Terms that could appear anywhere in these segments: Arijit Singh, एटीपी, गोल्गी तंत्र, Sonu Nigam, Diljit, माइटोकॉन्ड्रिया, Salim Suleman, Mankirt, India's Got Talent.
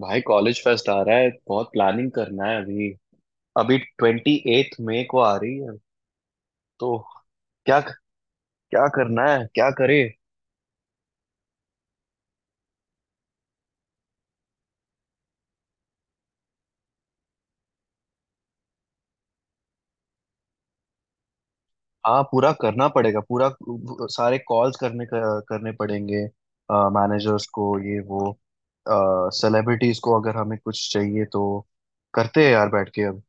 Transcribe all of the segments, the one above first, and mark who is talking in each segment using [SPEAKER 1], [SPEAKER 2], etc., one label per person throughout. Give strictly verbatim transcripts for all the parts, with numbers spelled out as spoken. [SPEAKER 1] भाई, college fest आ रहा है। बहुत प्लानिंग करना है अभी। अभी ट्वेंटी एथ मई को आ रही है, तो क्या क्या करना है, क्या करे। हाँ, पूरा करना पड़ेगा पूरा। सारे कॉल्स करने करने पड़ेंगे। मैनेजर्स को ये वो, सेलिब्रिटीज को, अगर हमें कुछ चाहिए तो। करते हैं यार बैठ के अब।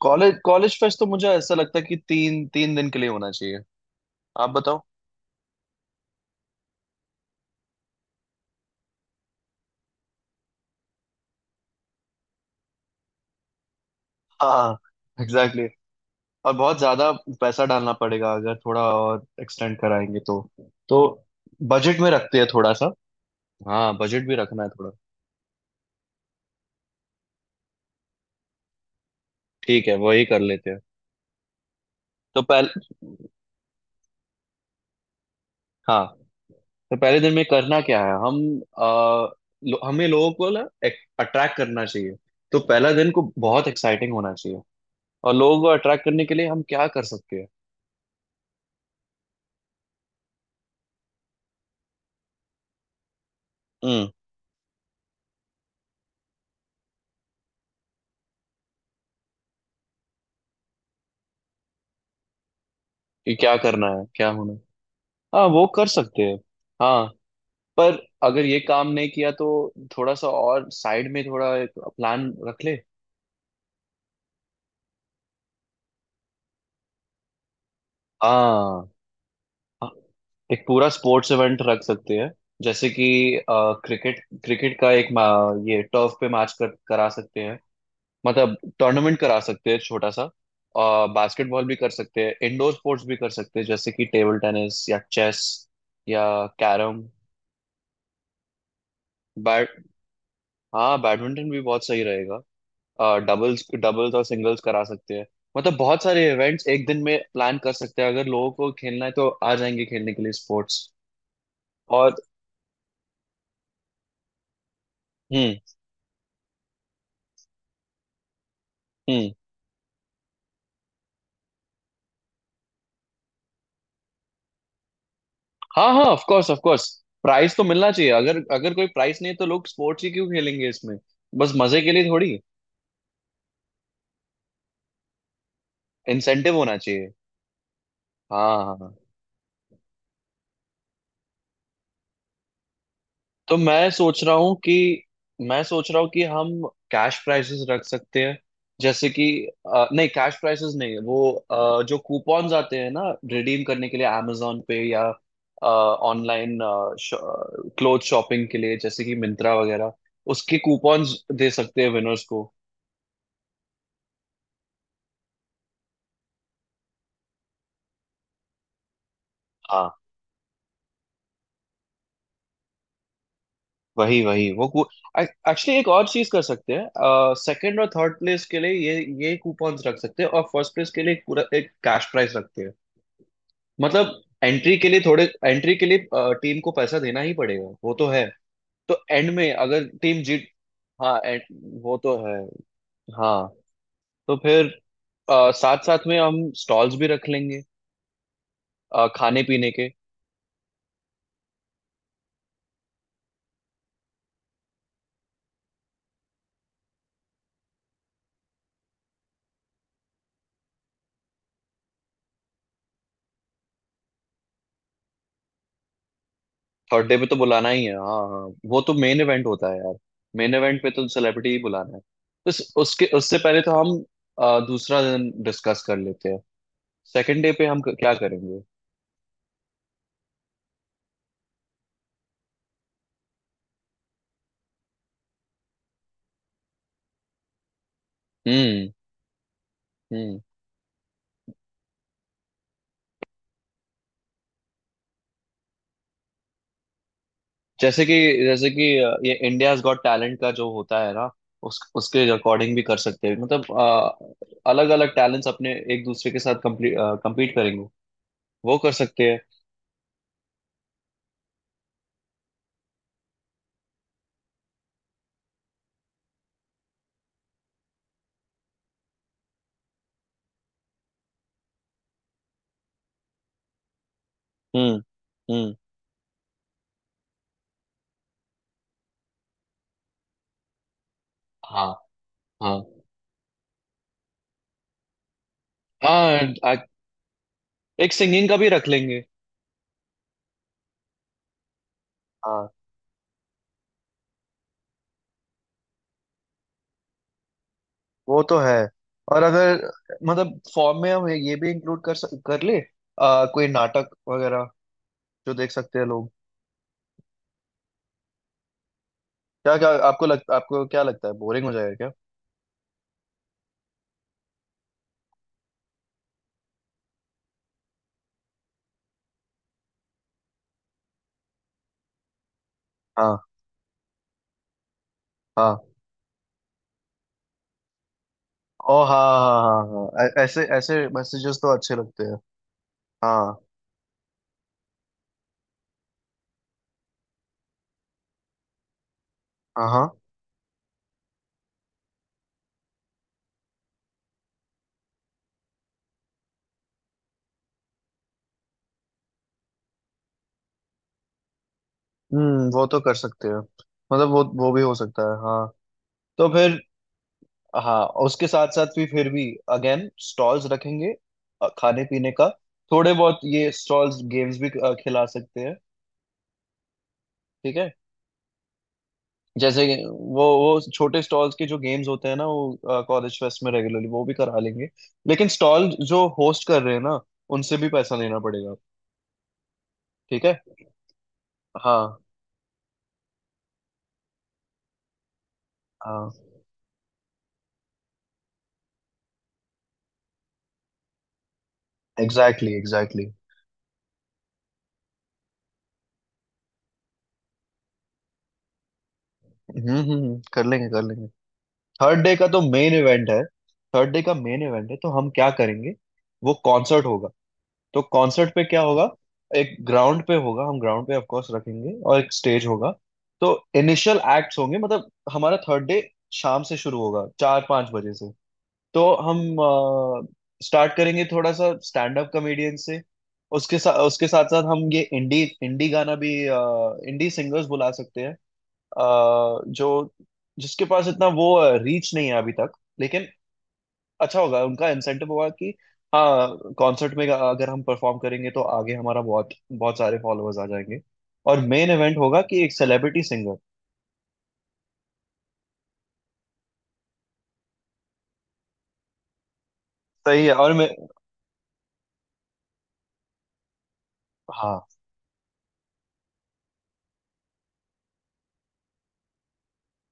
[SPEAKER 1] कॉलेज कॉलेज फेस्ट तो मुझे ऐसा लगता है कि तीन तीन दिन के लिए होना चाहिए। आप बताओ। हाँ। एग्जैक्टली। और बहुत ज्यादा पैसा डालना पड़ेगा, अगर थोड़ा और एक्सटेंड कराएंगे तो। तो बजट में रखते हैं थोड़ा सा। हाँ, बजट भी रखना है थोड़ा। ठीक है, वही कर लेते हैं। तो पहले। हाँ, तो पहले दिन में करना क्या है हम आ, लो, हमें लोगों को ना अट्रैक्ट करना चाहिए। तो पहला दिन को बहुत एक्साइटिंग होना चाहिए और लोगों को अट्रैक्ट करने के लिए हम क्या कर सकते हैं। हम्म। कि क्या करना है, क्या होना है। हाँ, वो कर सकते हैं। हाँ। पर अगर ये काम नहीं किया तो थोड़ा सा और साइड में थोड़ा एक प्लान रख ले। हाँ। हाँ, एक पूरा स्पोर्ट्स इवेंट रख सकते हैं। जैसे कि क्रिकेट क्रिकेट का एक मा, ये टर्फ पे मैच कर, करा सकते हैं। मतलब टूर्नामेंट करा सकते हैं छोटा सा। और बास्केटबॉल भी कर सकते हैं, इंडोर स्पोर्ट्स भी कर सकते हैं, जैसे कि टेबल टेनिस या चेस या कैरम। बैड हाँ, बैडमिंटन भी बहुत सही रहेगा। डबल्स डबल्स और सिंगल्स करा सकते हैं। मतलब बहुत सारे इवेंट्स एक दिन में प्लान कर सकते हैं, अगर लोगों को खेलना है तो आ जाएंगे खेलने के लिए स्पोर्ट्स। और। हम्म। हम्म। हाँ हाँ, of course of course. Prize तो मिलना चाहिए। अगर अगर कोई प्राइस नहीं है तो लोग स्पोर्ट्स ही क्यों खेलेंगे इसमें? बस मजे के लिए थोड़ी। इंसेंटिव होना चाहिए। हाँ हाँ हाँ। तो मैं सोच रहा हूँ कि मैं सोच रहा हूँ कि हम कैश प्राइसेस रख सकते हैं। जैसे कि अ, नहीं, कैश प्राइसेस नहीं। वो अ, जो कूपन्स आते हैं ना, रिडीम करने के लिए amazon पे या ऑनलाइन क्लोथ शॉपिंग के लिए, जैसे कि मिंत्रा वगैरह, उसके कूपन्स दे सकते हैं विनर्स को। हाँ। वही वही वो एक्चुअली एक और चीज कर सकते हैं। सेकंड और थर्ड प्लेस के लिए ये ये कूपन्स रख सकते हैं और फर्स्ट प्लेस के लिए एक पूरा एक कैश प्राइस रखते हैं। मतलब एंट्री के लिए थोड़े एंट्री के लिए टीम को पैसा देना ही पड़ेगा, वो तो है। तो एंड में अगर टीम जीत। हाँ एंड। वो तो है। हाँ। तो फिर साथ साथ में हम स्टॉल्स भी रख लेंगे अ, खाने पीने के। थर्ड डे पे तो बुलाना ही है, हाँ हाँ। वो तो मेन इवेंट होता है यार। मेन इवेंट पे तो सेलिब्रिटी ही बुलाना है, तो उस, उसके उससे पहले तो हम अ, दूसरा दिन डिस्कस कर लेते हैं। सेकंड डे पे हम क- क्या करेंगे। हम्म। हम्म। जैसे कि जैसे कि ये इंडियाज गॉट टैलेंट का जो होता है ना, उस उसके अकॉर्डिंग भी कर सकते हैं। मतलब अलग अलग टैलेंट्स अपने एक दूसरे के साथ कम्पीट करेंगे। वो कर सकते हैं। हम्म। हम्म। हाँ। हाँ हाँ आ- एक सिंगिंग का भी रख लेंगे। हाँ। वो तो है। और अगर मतलब फॉर्म में हम ये भी इंक्लूड कर सक- कर ले आ, कोई नाटक वगैरह जो देख सकते हैं लोग। क्या क्या आपको लग आपको क्या लगता है, बोरिंग हो जाएगा क्या? हाँ हाँ। ओ हाँ हाँ। हाँ हाँ हाँ, ऐ- ऐसे ऐसे मैसेजेस तो अच्छे लगते हैं। हाँ। हाँ। हाँ। हम्म, वो तो कर सकते हैं। मतलब वो वो भी हो सकता है, हाँ। तो फिर। हाँ, उसके साथ साथ भी फिर भी अगेन स्टॉल्स रखेंगे अ, खाने पीने का। थोड़े बहुत ये स्टॉल्स, गेम्स भी अ, खिला सकते हैं। ठीक है। जैसे कि वो वो छोटे स्टॉल्स के जो गेम्स होते हैं ना, वो कॉलेज फेस्ट में रेगुलरली वो भी करा लेंगे। लेकिन स्टॉल जो होस्ट कर रहे हैं ना, उनसे भी पैसा लेना पड़ेगा। ठीक है। हाँ। हाँ, एग्जैक्टली एग्जैक्टली। हम्म हम्म हम्म, कर लेंगे कर लेंगे। थर्ड डे का तो मेन इवेंट है। थर्ड डे का मेन इवेंट है, तो हम क्या करेंगे? वो कॉन्सर्ट होगा। तो कॉन्सर्ट पे क्या होगा? एक ग्राउंड पे होगा, हम ग्राउंड पे ऑफ कोर्स रखेंगे और एक स्टेज होगा। तो इनिशियल एक्ट्स होंगे, मतलब हमारा थर्ड डे शाम से शुरू होगा, चार पांच बजे से। तो हम स्टार्ट करेंगे थोड़ा सा स्टैंड अप कॉमेडियन से। उसके साथ उसके साथ साथ हम ये इंडी इंडी गाना भी, इंडी सिंगर्स बुला सकते हैं। अ, जो जिसके पास इतना वो रीच नहीं है अभी तक, लेकिन अच्छा होगा। उनका इंसेंटिव होगा कि हाँ, कॉन्सर्ट में अगर हम परफॉर्म करेंगे तो आगे हमारा बहुत बहुत सारे फॉलोअर्स आ जाएंगे। और मेन इवेंट होगा कि एक सेलिब्रिटी सिंगर। सही है। और मैं। हाँ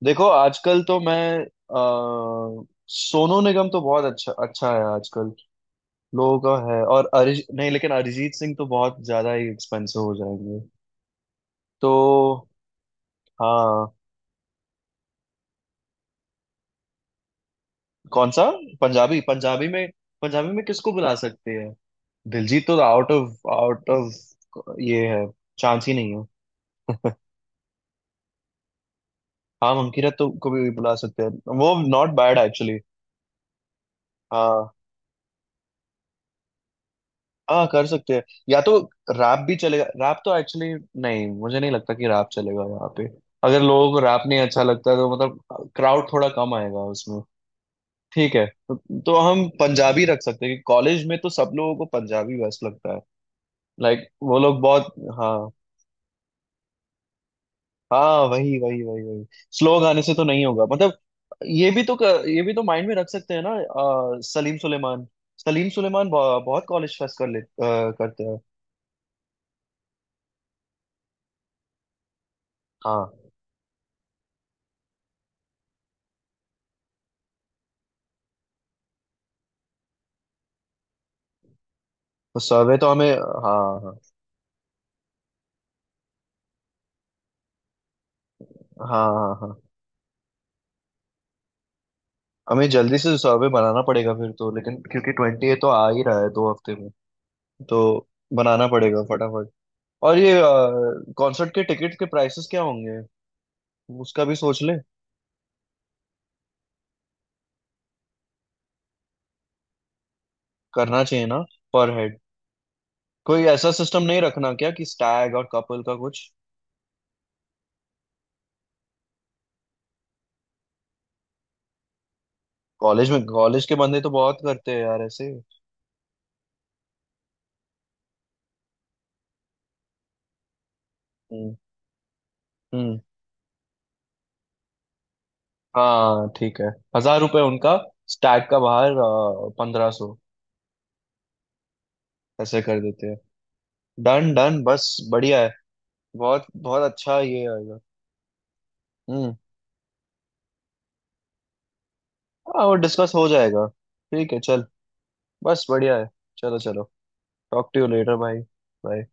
[SPEAKER 1] देखो, आजकल तो मैं अ, सोनू निगम तो बहुत अच्छा अच्छा है आजकल लोगों का, है। और अरिज नहीं लेकिन अरिजीत सिंह तो बहुत ज्यादा ही एक्सपेंसिव हो जाएंगे। तो। हाँ। कौन सा? पंजाबी पंजाबी में पंजाबी में किसको बुला सकते हैं दिलजीत तो आउट ऑफ आउट ऑफ ये है, चांस ही नहीं है। हाँ, मंकीरत तो को भी बुला सकते हैं। वो नॉट बैड एक्चुअली। हाँ हाँ, कर सकते हैं। या तो रैप भी चलेगा। रैप तो एक्चुअली नहीं, मुझे नहीं लगता कि रैप चलेगा यहाँ पे। अगर लोगों को रैप नहीं अच्छा लगता है तो मतलब क्राउड थोड़ा कम आएगा उसमें। ठीक है तो, तो हम पंजाबी रख सकते हैं। कॉलेज में तो सब लोगों को पंजाबी बेस्ट लगता है। लाइक like, वो लोग बहुत। हाँ हाँ, वही वही वही वही। स्लो गाने से तो नहीं होगा, मतलब। ये भी तो क- ये भी तो माइंड में रख सकते हैं ना। अ, सलीम सुलेमान। सलीम सुलेमान बहु- बहुत कॉलेज फेस्ट कर ले अ, करते हैं। हाँ, तो सर्वे तो हमें। हाँ हाँ हाँ हाँ हाँ। हमें जल्दी से सर्वे बनाना पड़ेगा फिर तो, लेकिन क्योंकि ट्वेंटी तो आ ही रहा है दो हफ्ते में। तो बनाना पड़ेगा फटाफट। और ये कॉन्सर्ट के टिकट के प्राइसेस क्या होंगे, उसका भी सोच ले। करना चाहिए ना, पर हेड। कोई ऐसा सिस्टम नहीं रखना क्या कि स्टैग और कपल का कुछ? कॉलेज में कॉलेज के बंदे तो बहुत करते हैं यार ऐसे। हम्म। हम्म। हाँ, ठीक है। हजार रुपए उनका, स्टैग का बाहर पंद्रह सौ। ऐसे कर देते हैं। डन डन, बस। बढ़िया है। बहुत बहुत अच्छा ये आएगा। हम्म। हाँ, वो डिस्कस हो जाएगा। ठीक है, चल। बस बढ़िया है। चलो चलो। टॉक टू यू लेटर भाई। बाय।